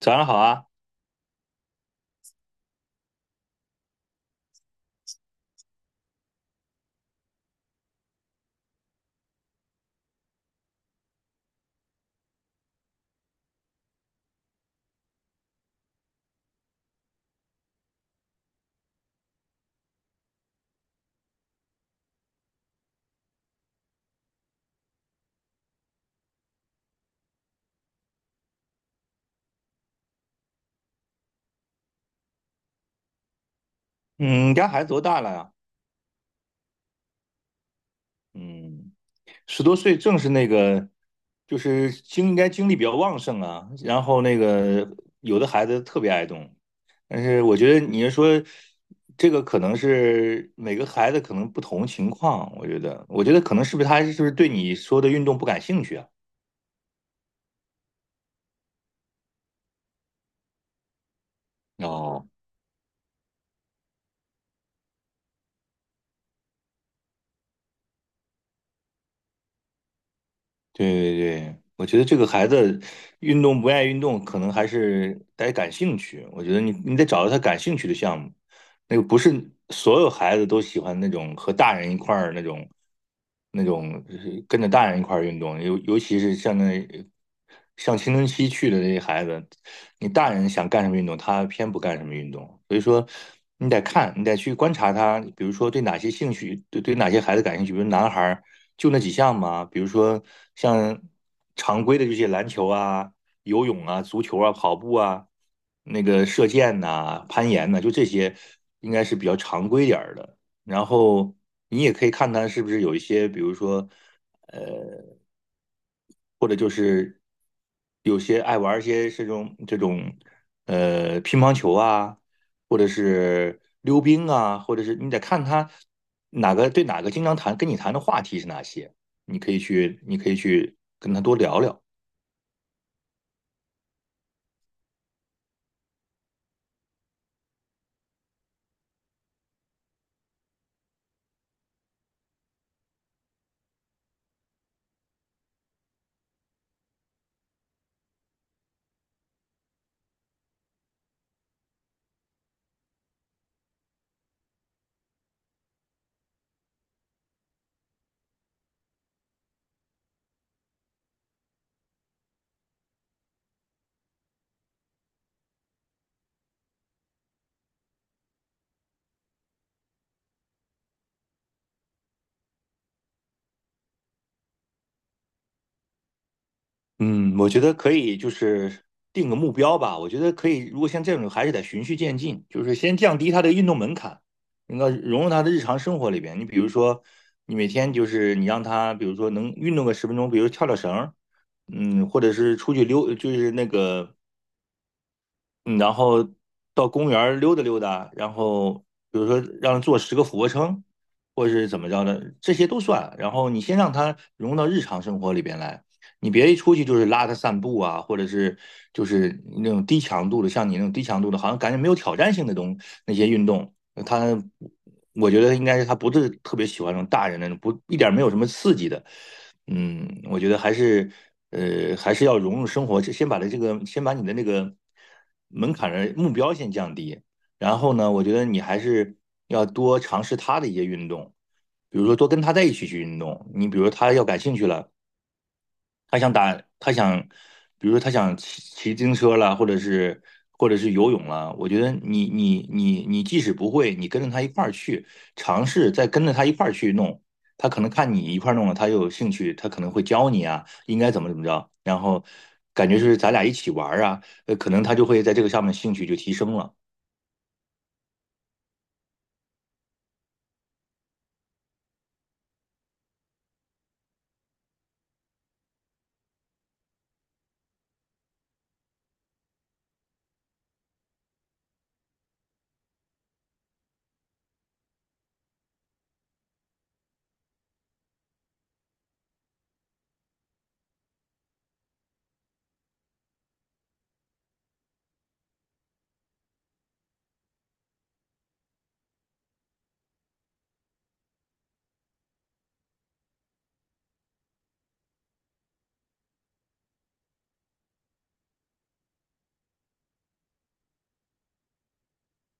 早上好啊，嗯，你家孩子多大了呀？嗯，十多岁正是那个，就是精应该精力比较旺盛啊。然后那个有的孩子特别爱动，但是我觉得你是说这个可能是每个孩子可能不同情况，我觉得，我觉得可能是不是他是不是对你说的运动不感兴趣啊？哦，对对，我觉得这个孩子运动不爱运动，可能还是得感兴趣。我觉得你得找到他感兴趣的项目，那个不是所有孩子都喜欢那种和大人一块儿那种跟着大人一块儿运动，尤其是像那像青春期去的那些孩子，你大人想干什么运动，他偏不干什么运动。所以说，你得看，你得去观察他，比如说对哪些兴趣，对哪些孩子感兴趣，比如男孩儿。就那几项嘛，比如说像常规的这些篮球啊、游泳啊、足球啊、跑步啊、那个射箭呐、攀岩呐、就这些应该是比较常规点儿的。然后你也可以看他是不是有一些，比如说，呃，或者就是有些爱玩儿一些这种乒乓球啊，或者是溜冰啊，或者是你得看他哪个经常谈跟你谈的话题是哪些，你可以去跟他多聊聊。嗯，我觉得可以，就是定个目标吧。我觉得可以，如果像这种，还是得循序渐进，就是先降低他的运动门槛，那个融入他的日常生活里边。你比如说，你每天就是你让他，比如说能运动个十分钟，比如跳跳绳儿，嗯，或者是出去溜，就是那个嗯，然后到公园儿溜达溜达，然后比如说让他做十个俯卧撑，或者是怎么着的，这些都算。然后你先让他融入到日常生活里边来，你别一出去就是拉他散步啊，或者是就是那种低强度的，像你那种低强度的，好像感觉没有挑战性的东那些运动，他我觉得应该是他不是特别喜欢那种大人那种不一点儿没有什么刺激的。嗯，我觉得还是，还是要融入生活，先把的这个，先把你的那个门槛的目标先降低，然后呢，我觉得你还是要多尝试他的一些运动，比如说多跟他在一起去运动，你比如他要感兴趣了，他想打，他想，比如说他想骑自行车了，或者是或者是游泳了。我觉得你即使不会，你跟着他一块儿去尝试，再跟着他一块儿去弄，他可能看你一块儿弄了，他有兴趣，他可能会教你啊，应该怎么着，然后感觉是咱俩一起玩儿啊，可能他就会在这个上面兴趣就提升了。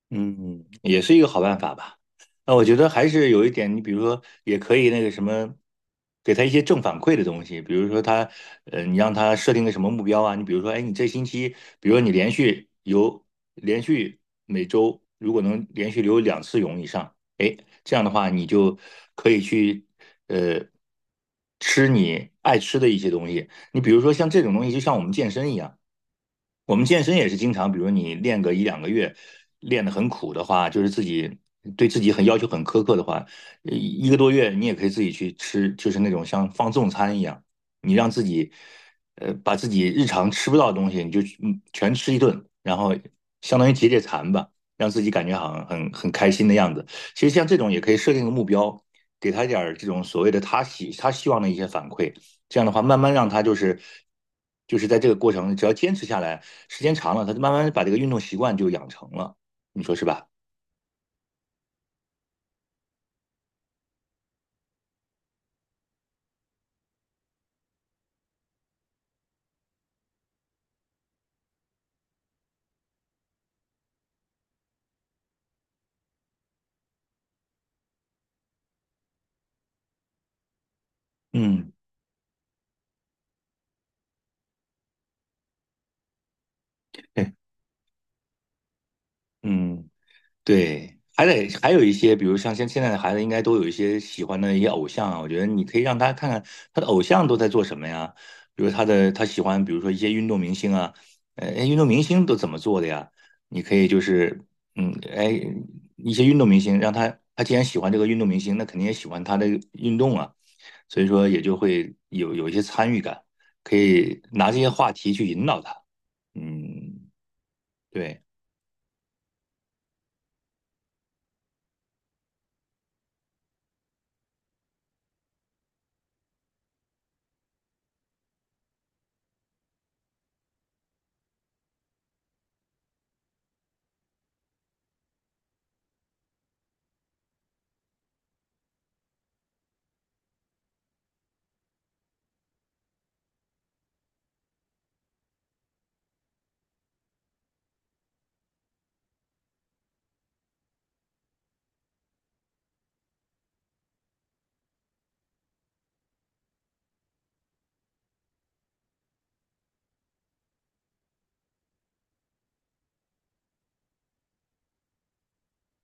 嗯，也是一个好办法吧。那我觉得还是有一点，你比如说，也可以那个什么，给他一些正反馈的东西，比如说他，你让他设定个什么目标啊？你比如说，哎，你这星期，比如说你连续游，连续每周如果能连续游两次泳以上，哎，这样的话你就可以去，呃，吃你爱吃的一些东西。你比如说像这种东西，就像我们健身一样。我们健身也是经常，比如你练个一两个月，练得很苦的话，就是自己对自己很要求很苛刻的话，一个多月你也可以自己去吃，就是那种像放纵餐一样，你让自己，把自己日常吃不到的东西，你就嗯全吃一顿，然后相当于解解馋吧，让自己感觉好像很开心的样子。其实像这种也可以设定个目标，给他一点儿这种所谓的他希望的一些反馈，这样的话，慢慢让他就是在这个过程，只要坚持下来，时间长了，他就慢慢把这个运动习惯就养成了，你说是吧？嗯，对，嗯。对，还得还有一些，比如像现在的孩子，应该都有一些喜欢的一些偶像啊。我觉得你可以让他看看他的偶像都在做什么呀，比如他喜欢，比如说一些运动明星啊，哎运动明星都怎么做的呀？你可以就是，嗯，哎，一些运动明星，让他既然喜欢这个运动明星，那肯定也喜欢他的运动啊，所以说也就会有一些参与感，可以拿这些话题去引导他。嗯，对。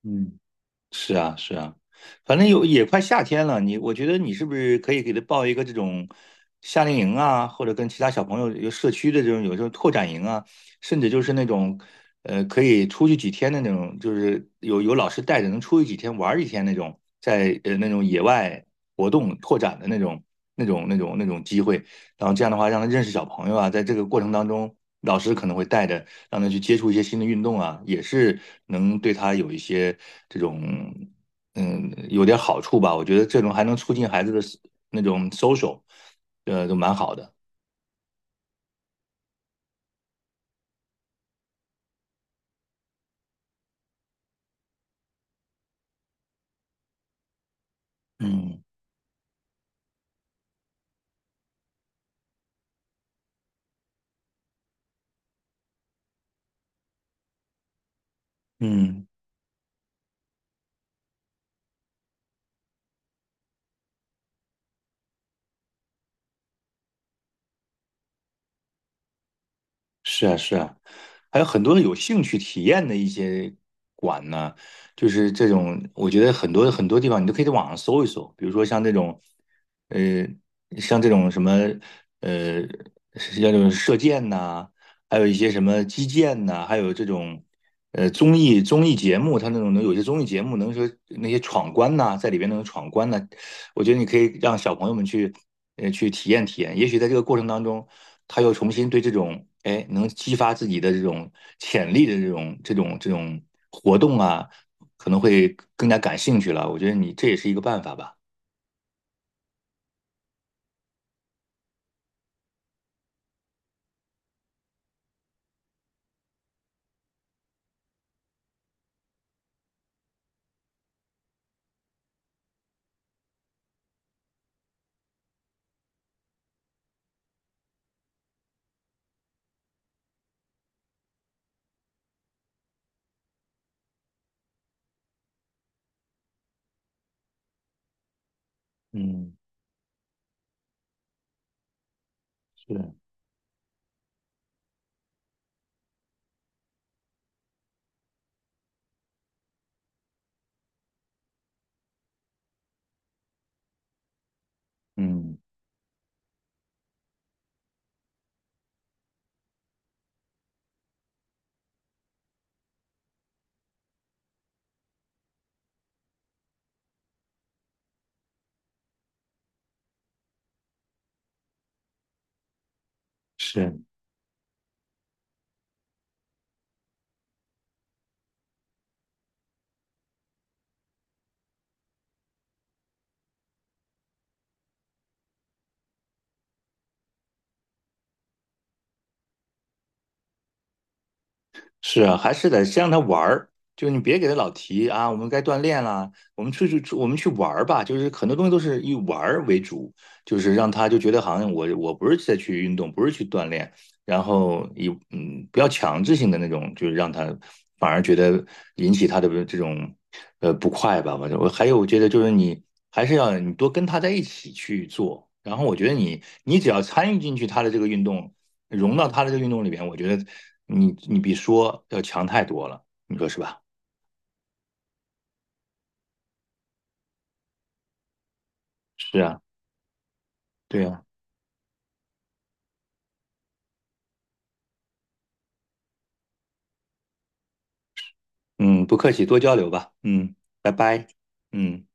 嗯。是啊，是啊，反正有也快夏天了，你我觉得你是不是可以给他报一个这种夏令营啊，或者跟其他小朋友有社区的这种有这种拓展营啊，甚至就是那种可以出去几天的那种，就是有老师带着能出去几天玩儿几天那种，在那种野外活动拓展的那种机会，然后这样的话让他认识小朋友啊，在这个过程当中，老师可能会带着。让他去接触一些新的运动啊，也是能对他有一些这种嗯有点好处吧。我觉得这种还能促进孩子的那种 social，都蛮好的。嗯嗯。是啊，是啊，还有很多的有兴趣体验的一些馆呢，就是这种，我觉得很多很多地方你都可以在网上搜一搜，比如说像这种，呃，像这种什么，呃，像这种射箭呐、还有一些什么击剑呐、还有这种，综艺节目，它那种能有些综艺节目能说那些闯关呐、在里边那种闯关呐、我觉得你可以让小朋友们去，去体验体验。也许在这个过程当中，他又重新对这种，哎，能激发自己的这种潜力的这种活动啊，可能会更加感兴趣了。我觉得你这也是一个办法吧。嗯，是，嗯，是。是啊，还是得先让他玩儿，就你别给他老提啊，我们该锻炼啦，我们出去出，我们去玩儿吧，就是很多东西都是以玩儿为主，就是让他就觉得好像我不是在去运动，不是去锻炼，然后以嗯不要强制性的那种，就是让他反而觉得引起他的这种不快吧，反正我还有我觉得就是你还是要你多跟他在一起去做，然后我觉得你只要参与进去他的这个运动。融到他的这个运动里边，我觉得你比说要强太多了，你说是吧？是啊，对啊，嗯，不客气，多交流吧，嗯，拜拜，嗯。